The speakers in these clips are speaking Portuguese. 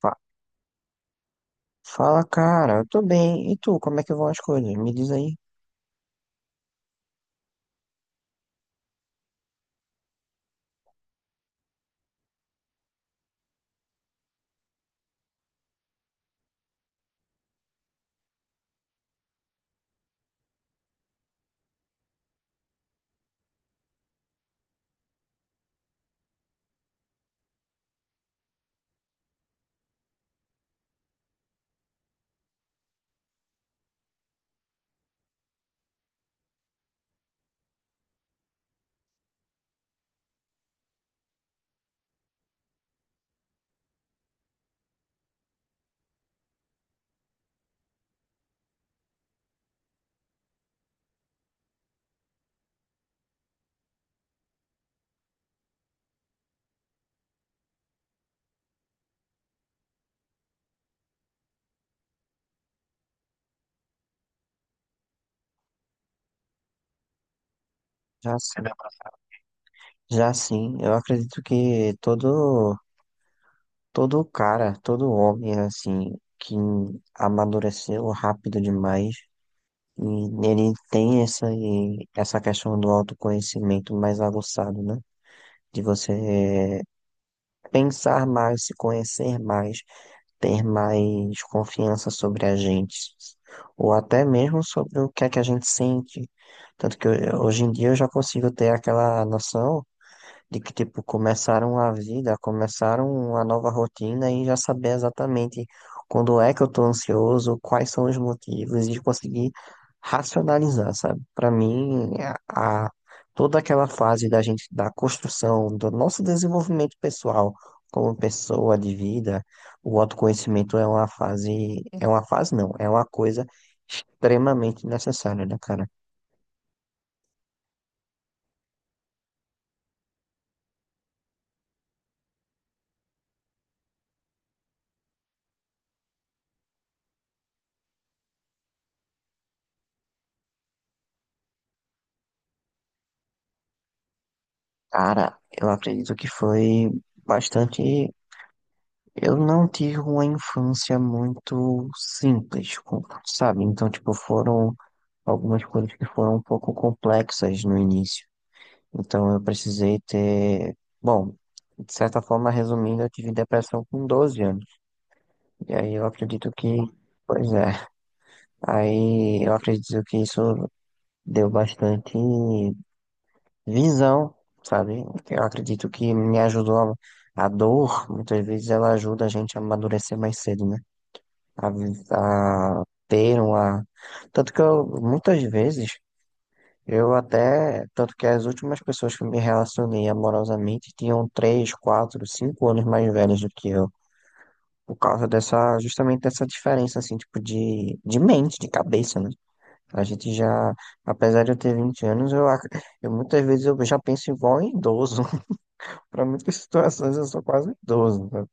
Fa- Fala, cara, eu tô bem. E tu, como é que vão as coisas? Me diz aí. Já sim, já sim. Eu acredito que todo cara, todo homem, assim, que amadureceu rápido demais, e ele tem essa questão do autoconhecimento mais aguçado, né? De você pensar mais, se conhecer mais, ter mais confiança sobre a gente, ou até mesmo sobre o que é que a gente sente. Tanto que hoje em dia eu já consigo ter aquela noção de que, tipo, começaram a vida, começaram uma nova rotina e já saber exatamente quando é que eu tô ansioso, quais são os motivos e conseguir racionalizar, sabe? Para mim, a, a- toda aquela fase da gente, da construção, do nosso desenvolvimento pessoal como pessoa de vida, o autoconhecimento é uma fase não, é uma coisa extremamente necessária, né, cara? Cara, eu acredito que foi bastante. Eu não tive uma infância muito simples, sabe? Então, tipo, foram algumas coisas que foram um pouco complexas no início. Então, eu precisei ter. Bom, de certa forma, resumindo, eu tive depressão com 12 anos. E aí eu acredito que. Pois é. Aí eu acredito que isso deu bastante visão, sabe? Eu acredito que me ajudou. A dor, muitas vezes, ela ajuda a gente a amadurecer mais cedo, né? A ter uma. Tanto que eu, muitas vezes, eu até. Tanto que as últimas pessoas que eu me relacionei amorosamente tinham três, quatro, cinco anos mais velhos do que eu. Por causa dessa, justamente dessa diferença, assim, tipo, de mente, de cabeça, né? A gente já, apesar de eu ter 20 anos, eu, eu muitas vezes eu já penso igual em idoso. Para muitas situações eu sou quase um idoso, né?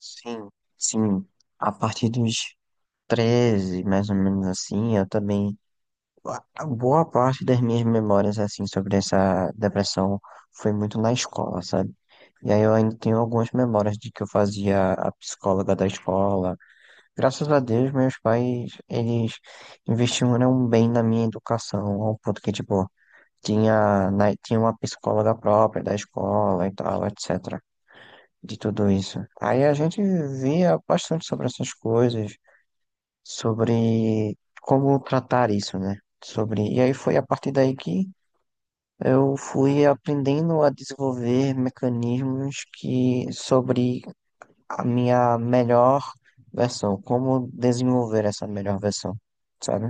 Sim, sim. A partir dos 13 mais ou menos assim, eu também. A boa parte das minhas memórias, assim, sobre essa depressão foi muito na escola, sabe? E aí eu ainda tenho algumas memórias de que eu fazia a psicóloga da escola. Graças a Deus, meus pais, eles investiram bem na minha educação, ao ponto que, tipo, tinha uma psicóloga própria da escola e tal, etc. De tudo isso. Aí a gente via bastante sobre essas coisas sobre como tratar isso, né? Sobre, e aí foi a partir daí que eu fui aprendendo a desenvolver mecanismos que sobre a minha melhor versão, como desenvolver essa melhor versão, sabe?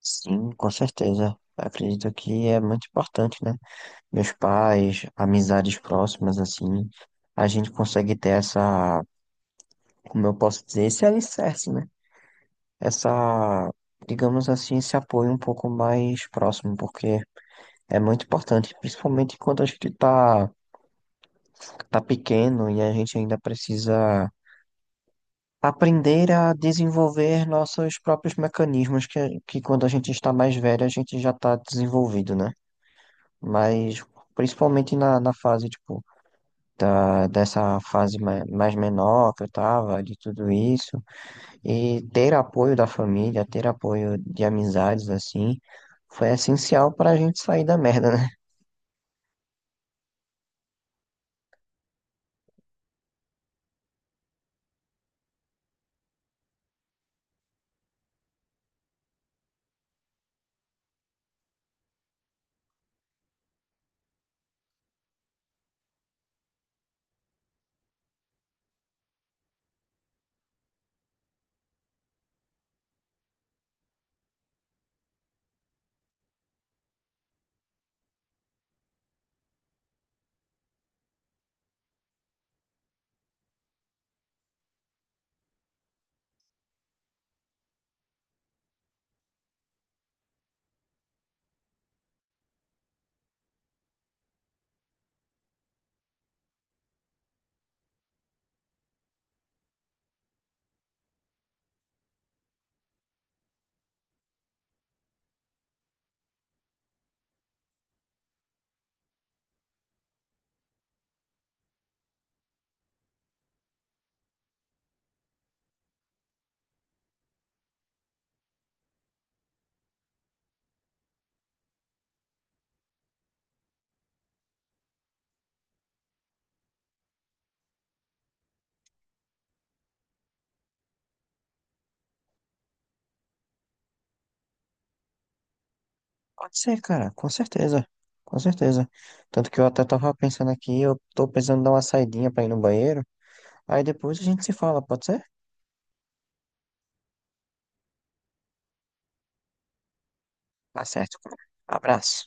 Sim, com certeza. Acredito que é muito importante, né? Meus pais, amizades próximas, assim, a gente consegue ter essa, como eu posso dizer, esse alicerce, né? Essa, digamos assim, esse apoio um pouco mais próximo, porque é muito importante, principalmente quando a gente tá pequeno e a gente ainda precisa aprender a desenvolver nossos próprios mecanismos, que quando a gente está mais velho, a gente já está desenvolvido, né? Mas principalmente na fase, tipo, ah, dessa fase mais menor que eu tava, de tudo isso. E ter apoio da família, ter apoio de amizades, assim, foi essencial pra gente sair da merda, né? Pode ser, cara, com certeza. Com certeza. Tanto que eu até tava pensando aqui, eu tô precisando dar uma saidinha pra ir no banheiro. Aí depois a gente se fala, pode ser? Tá certo, cara. Abraço.